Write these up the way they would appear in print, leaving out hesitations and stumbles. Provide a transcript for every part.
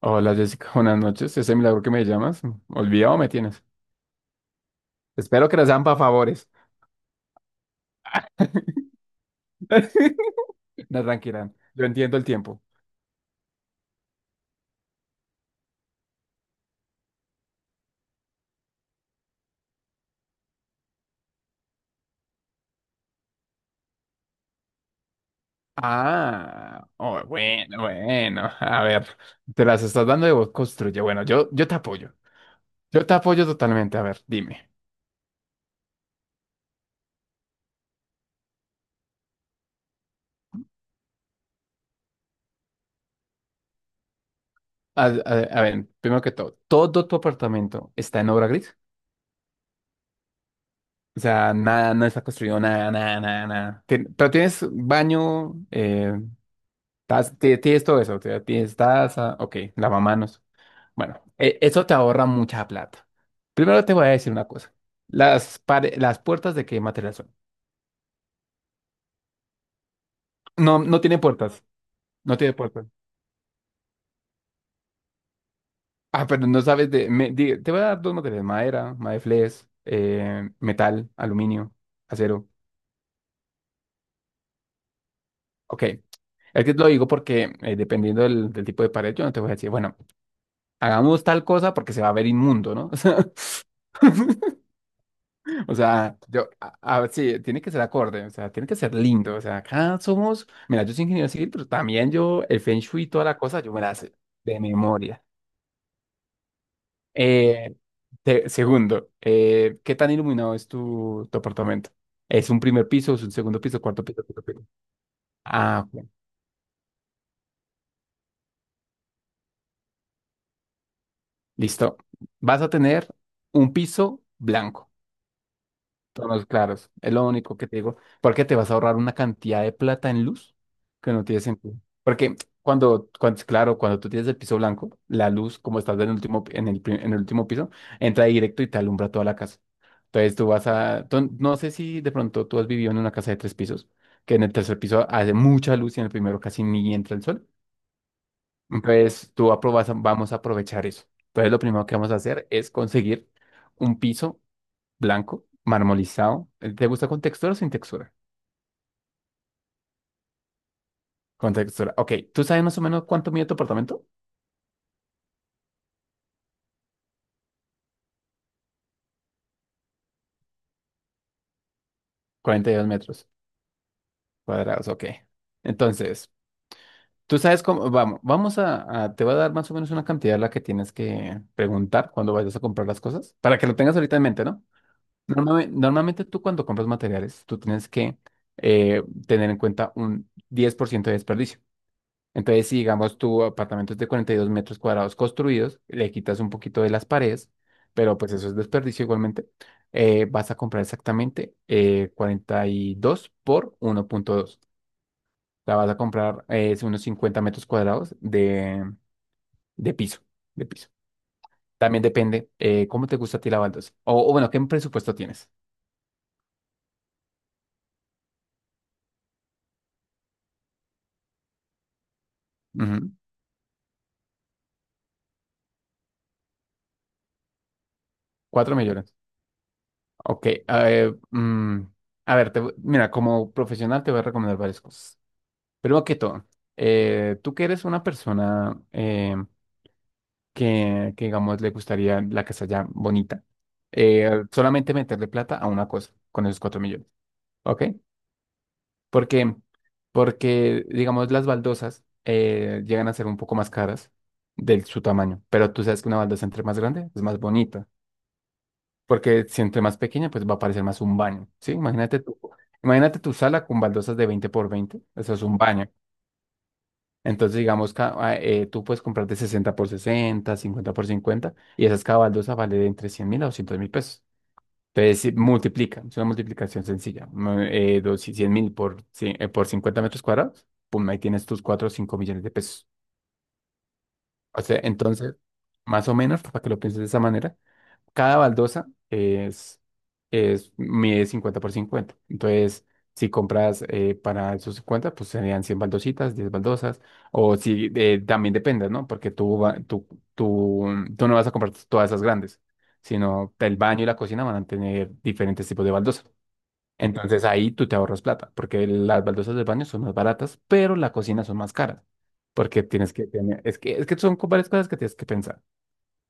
Hola Jessica, buenas noches. Ese milagro que me llamas, ¿olvidado me tienes? Espero que las sean para favores. No, tranquila, yo entiendo el tiempo. Ah, oh, bueno, bueno, a ver, te las estás dando de vos, construye. Bueno, yo te apoyo, yo te apoyo totalmente. A ver, dime. A, a- a ver, primero que todo, ¿todo tu apartamento está en obra gris? O sea, nada, no está construido, nada, nada, nada, nada. Pero tienes baño. Tienes todo eso, o sea, tienes taza, ok, lavamanos. Bueno, eso te ahorra mucha plata. Primero te voy a decir una cosa. Las puertas de qué material son. No, no tiene puertas, no tiene puertas. Ah, pero no sabes de. Te voy a dar dos materiales, madera, madeflex, metal, aluminio, acero. Ok, es que lo digo porque dependiendo del tipo de pared, yo no te voy a decir, bueno, hagamos tal cosa porque se va a ver inmundo, ¿no? O sea, sí, tiene que ser acorde, o sea, tiene que ser lindo. O sea, acá somos, mira, yo soy ingeniero civil, pero también yo, el Feng Shui y toda la cosa, yo me la sé de memoria. Eh, Segundo, ¿qué tan iluminado es tu apartamento? ¿Es un primer piso, es un segundo piso, cuarto piso, quinto piso? Ah, bueno, listo. Vas a tener un piso blanco. Tonos claros. Es lo único que te digo. Porque te vas a ahorrar una cantidad de plata en luz que no tiene sentido. Porque claro, cuando tú tienes el piso blanco, la luz, como estás en el último, en el último piso, entra directo y te alumbra toda la casa. Entonces tú vas a, tú- no sé si de pronto tú has vivido en una casa de tres pisos, que en el tercer piso hace mucha luz y en el primero casi ni entra el sol. Entonces tú aprobas, vamos a aprovechar eso. Entonces lo primero que vamos a hacer es conseguir un piso blanco, marmolizado. ¿Te gusta con textura o sin textura? Con textura. Ok, ¿tú sabes más o menos cuánto mide tu apartamento? 42 metros cuadrados, ok. Entonces, tú sabes cómo, te voy a dar más o menos una cantidad a la que tienes que preguntar cuando vayas a comprar las cosas, para que lo tengas ahorita en mente, ¿no? Normalmente, tú cuando compras materiales, tú tienes que eh, tener en cuenta un 10% de desperdicio. Entonces, si digamos tu apartamento es de 42 metros cuadrados construidos, le quitas un poquito de las paredes, pero pues eso es desperdicio igualmente, vas a comprar exactamente 42 por 1.2. O sea, vas a comprar unos 50 metros cuadrados de piso, de piso. También depende cómo te gusta a ti la baldosa. O bueno, ¿qué presupuesto tienes? Ujú, 4 millones. Ok. A ver, mira, como profesional te voy a recomendar varias cosas. Primero que todo, tú que eres una persona, digamos, le gustaría la casa ya bonita, solamente meterle plata a una cosa con esos 4 millones, ¿ok? Porque, porque, digamos, las baldosas llegan a ser un poco más caras de su tamaño, pero tú sabes que una baldosa entre más grande es más bonita, porque si entre más pequeña, pues va a parecer más un baño, ¿sí? Imagínate tú, imagínate tu sala con baldosas de 20 por 20, eso es un baño. Entonces, digamos, tú puedes comprar de 60 por 60, 50 por 50 y esas cabaldosas vale de entre 100.000 a 200.000 pesos. Entonces, si multiplica, es una multiplicación sencilla. Si 100.000 por, 100 por 50 metros cuadrados, pum, ahí tienes tus 4 o 5 millones de pesos. O sea, entonces, más o menos, para que lo pienses de esa manera, cada baldosa mide 50 por 50. Entonces, si compras para esos 50 pues serían 100 baldositas, 10 baldosas. O si también depende, ¿no? Porque tú, va- tú, tú no vas a comprar todas esas grandes, sino el baño y la cocina van a tener diferentes tipos de baldosas. Entonces ahí tú te ahorras plata, porque las baldosas del baño son más baratas, pero la cocina son más caras, porque tienes que tener, es que son varias cosas que tienes que pensar.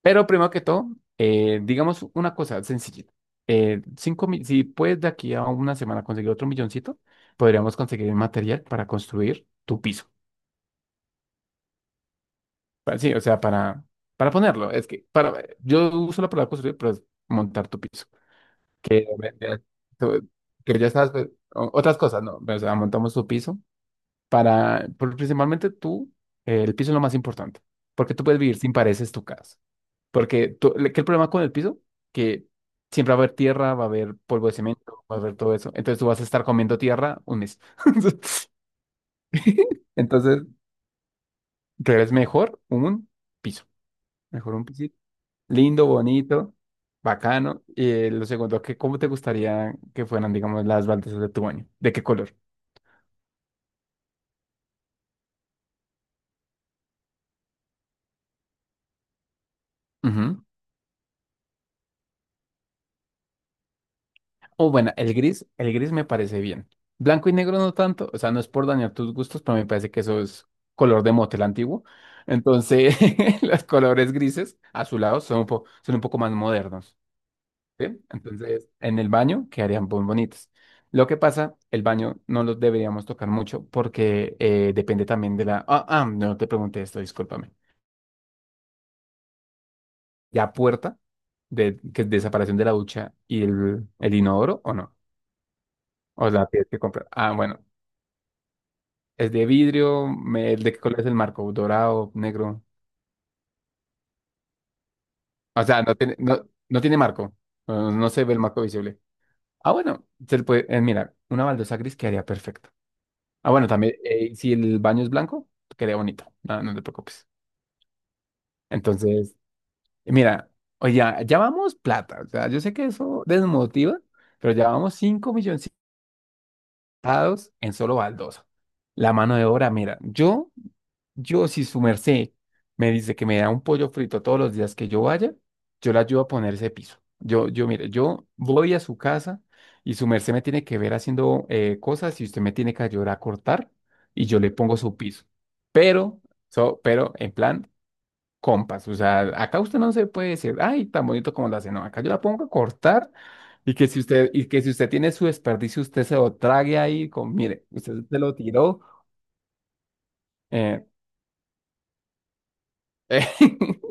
Pero primero que todo, digamos una cosa sencilla. Si puedes de aquí a una semana conseguir otro milloncito, podríamos conseguir el material para construir tu piso. Sí, o sea, para ponerlo. Es que para, yo uso la palabra construir, pero es montar tu piso. Que, ve- ve- tú- que ya estás, otras cosas, no. O sea, montamos tu piso para, principalmente tú, el piso es lo más importante, porque tú puedes vivir sin paredes tu casa. Porque ¿qué el problema con el piso? Que siempre va a haber tierra, va a haber polvo de cemento, va a haber todo eso. Entonces tú vas a estar comiendo tierra un mes. Entonces, creo es mejor un piso. Mejor un piso lindo, bonito, bacano. Y lo segundo, que ¿cómo te gustaría que fueran, digamos, las baldosas de tu baño? ¿De qué color? Ujú. O bueno, el gris me parece bien. Blanco y negro no tanto, o sea, no es por dañar tus gustos, pero me parece que eso es color de motel antiguo. Entonces, los colores grises azulados son un poco más modernos, ¿sí? Entonces, en el baño quedarían muy bonitos. Lo que pasa, el baño no los deberíamos tocar mucho porque depende también de la. Ah, ah, no te pregunté esto, discúlpame. ¿Ya puerta que separación de la ducha y el inodoro o no? O la tienes que comprar. Ah, bueno. Es de vidrio, el de qué color es el marco, dorado, negro. O sea, no tiene marco. No, no se ve el marco visible. Ah, bueno, se le puede, mira, una baldosa gris quedaría perfecto. Ah, bueno, también, si el baño es blanco, quedaría bonito. No, no te preocupes. Entonces, mira, oye, ya, ya vamos plata. O sea, yo sé que eso desmotiva, pero ya vamos 5 milloncitos en solo baldosa. La mano de obra, mira, yo. Yo, si su merced me dice que me da un pollo frito todos los días que yo vaya, yo le ayudo a poner ese piso. Yo, mire, yo voy a su casa y su merced me tiene que ver haciendo cosas y usted me tiene que ayudar a cortar y yo le pongo su piso. Pero, pero en plan, compas, o sea, acá usted no se puede decir, ay, tan bonito como lo hace, no, acá yo la pongo a cortar y que si usted, y que si usted tiene su desperdicio, usted se lo trague ahí con, mire, usted se lo tiró. eh,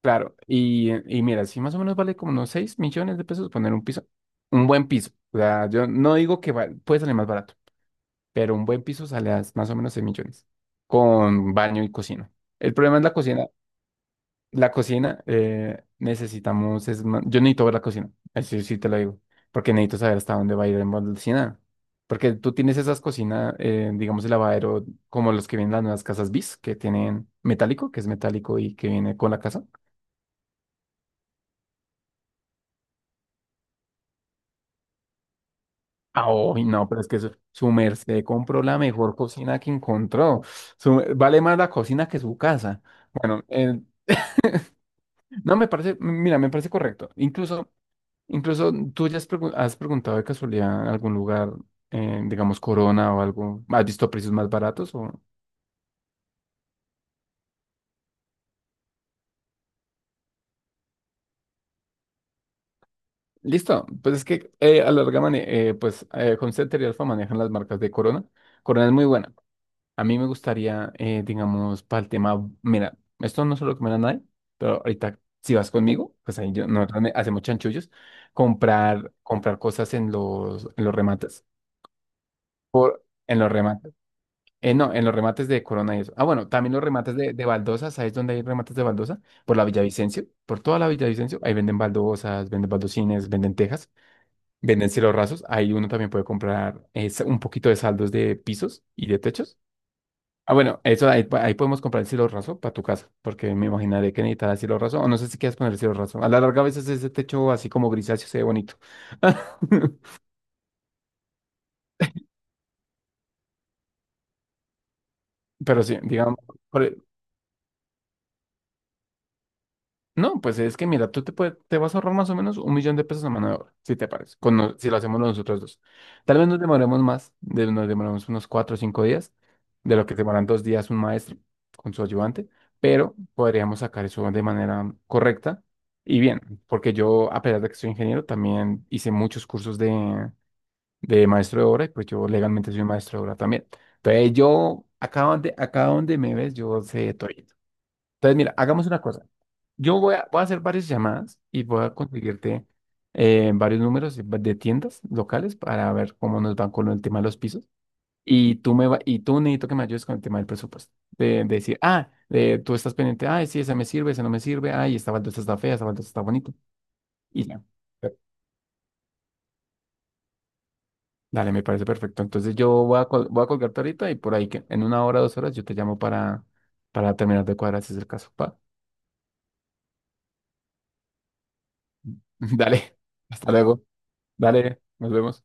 Claro, y mira, si más o menos vale como unos 6 millones de pesos poner un piso, un buen piso. O sea, yo no digo que puede salir más barato, pero un buen piso sale a más o menos 6 millones con baño y cocina. El problema es la cocina. La cocina necesitamos, yo necesito ver la cocina, así sí te lo digo, porque necesito saber hasta dónde va a ir en la cocina. Porque tú tienes esas cocinas, digamos, el lavadero, como los que vienen en las nuevas casas bis, que tienen metálico, que es metálico y que viene con la casa. Ah, uy, no, pero es que su merced compró la mejor cocina que encontró. Vale más la cocina que su casa. Bueno, no me parece, mira, me parece correcto. Incluso, incluso tú ya has preguntado de casualidad en algún lugar, digamos Corona o algo, ¿has visto precios más baratos o? Listo, pues es que a la larga Concepter y Alfa manejan las marcas de Corona. Corona es muy buena. A mí me gustaría, digamos, para el tema, mira, esto no es lo que me da nadie, pero ahorita si vas conmigo, pues ahí yo, nosotros hacemos chanchullos, comprar cosas en los remates, no, en los remates de Corona y eso. Ah, bueno, también los remates de baldosa, ¿sabes dónde hay remates de baldosa? Por la Villavicencio, por toda la Villavicencio, ahí venden baldosas, venden baldosines, venden tejas, venden cielos rasos, ahí uno también puede comprar un poquito de saldos de pisos y de techos. Ah, bueno, eso ahí, ahí podemos comprar el cielo raso para tu casa, porque me imaginaré que necesitarás cielo raso, o no sé si quieres poner el cielo raso. A la larga, a veces ese techo así como grisáceo se ve bonito. Pero sí, digamos, por, e No, pues es que mira, tú te, te vas a ahorrar más o menos un millón de pesos a mano de obra, si te parece, con no- si lo hacemos nosotros dos. Tal vez nos demoremos más, nos demoremos unos 4 o 5 días, de lo que demoran 2 días un maestro con su ayudante, pero podríamos sacar eso de manera correcta y bien, porque yo, a pesar de que soy ingeniero, también hice muchos cursos de maestro de obra y pues yo legalmente soy maestro de obra también. Entonces yo, acá donde me ves, yo sé todo. Entonces mira, hagamos una cosa. Yo voy a, voy a hacer varias llamadas y voy a conseguirte varios números de tiendas locales para ver cómo nos van con el tema de los pisos. Y tú necesito que me ayudes con el tema del presupuesto. De decir, ah, tú estás pendiente, ay, sí, esa me sirve, esa no me sirve, ay, esta baldosa está fea, esta baldosa está bonito. Y ya. Per- Dale, me parece perfecto. Entonces yo voy a, voy a colgarte ahorita y por ahí que en una hora, 2 horas yo te llamo para, terminar de cuadrar si es el caso. Pa. Dale, hasta luego. Dale, nos vemos.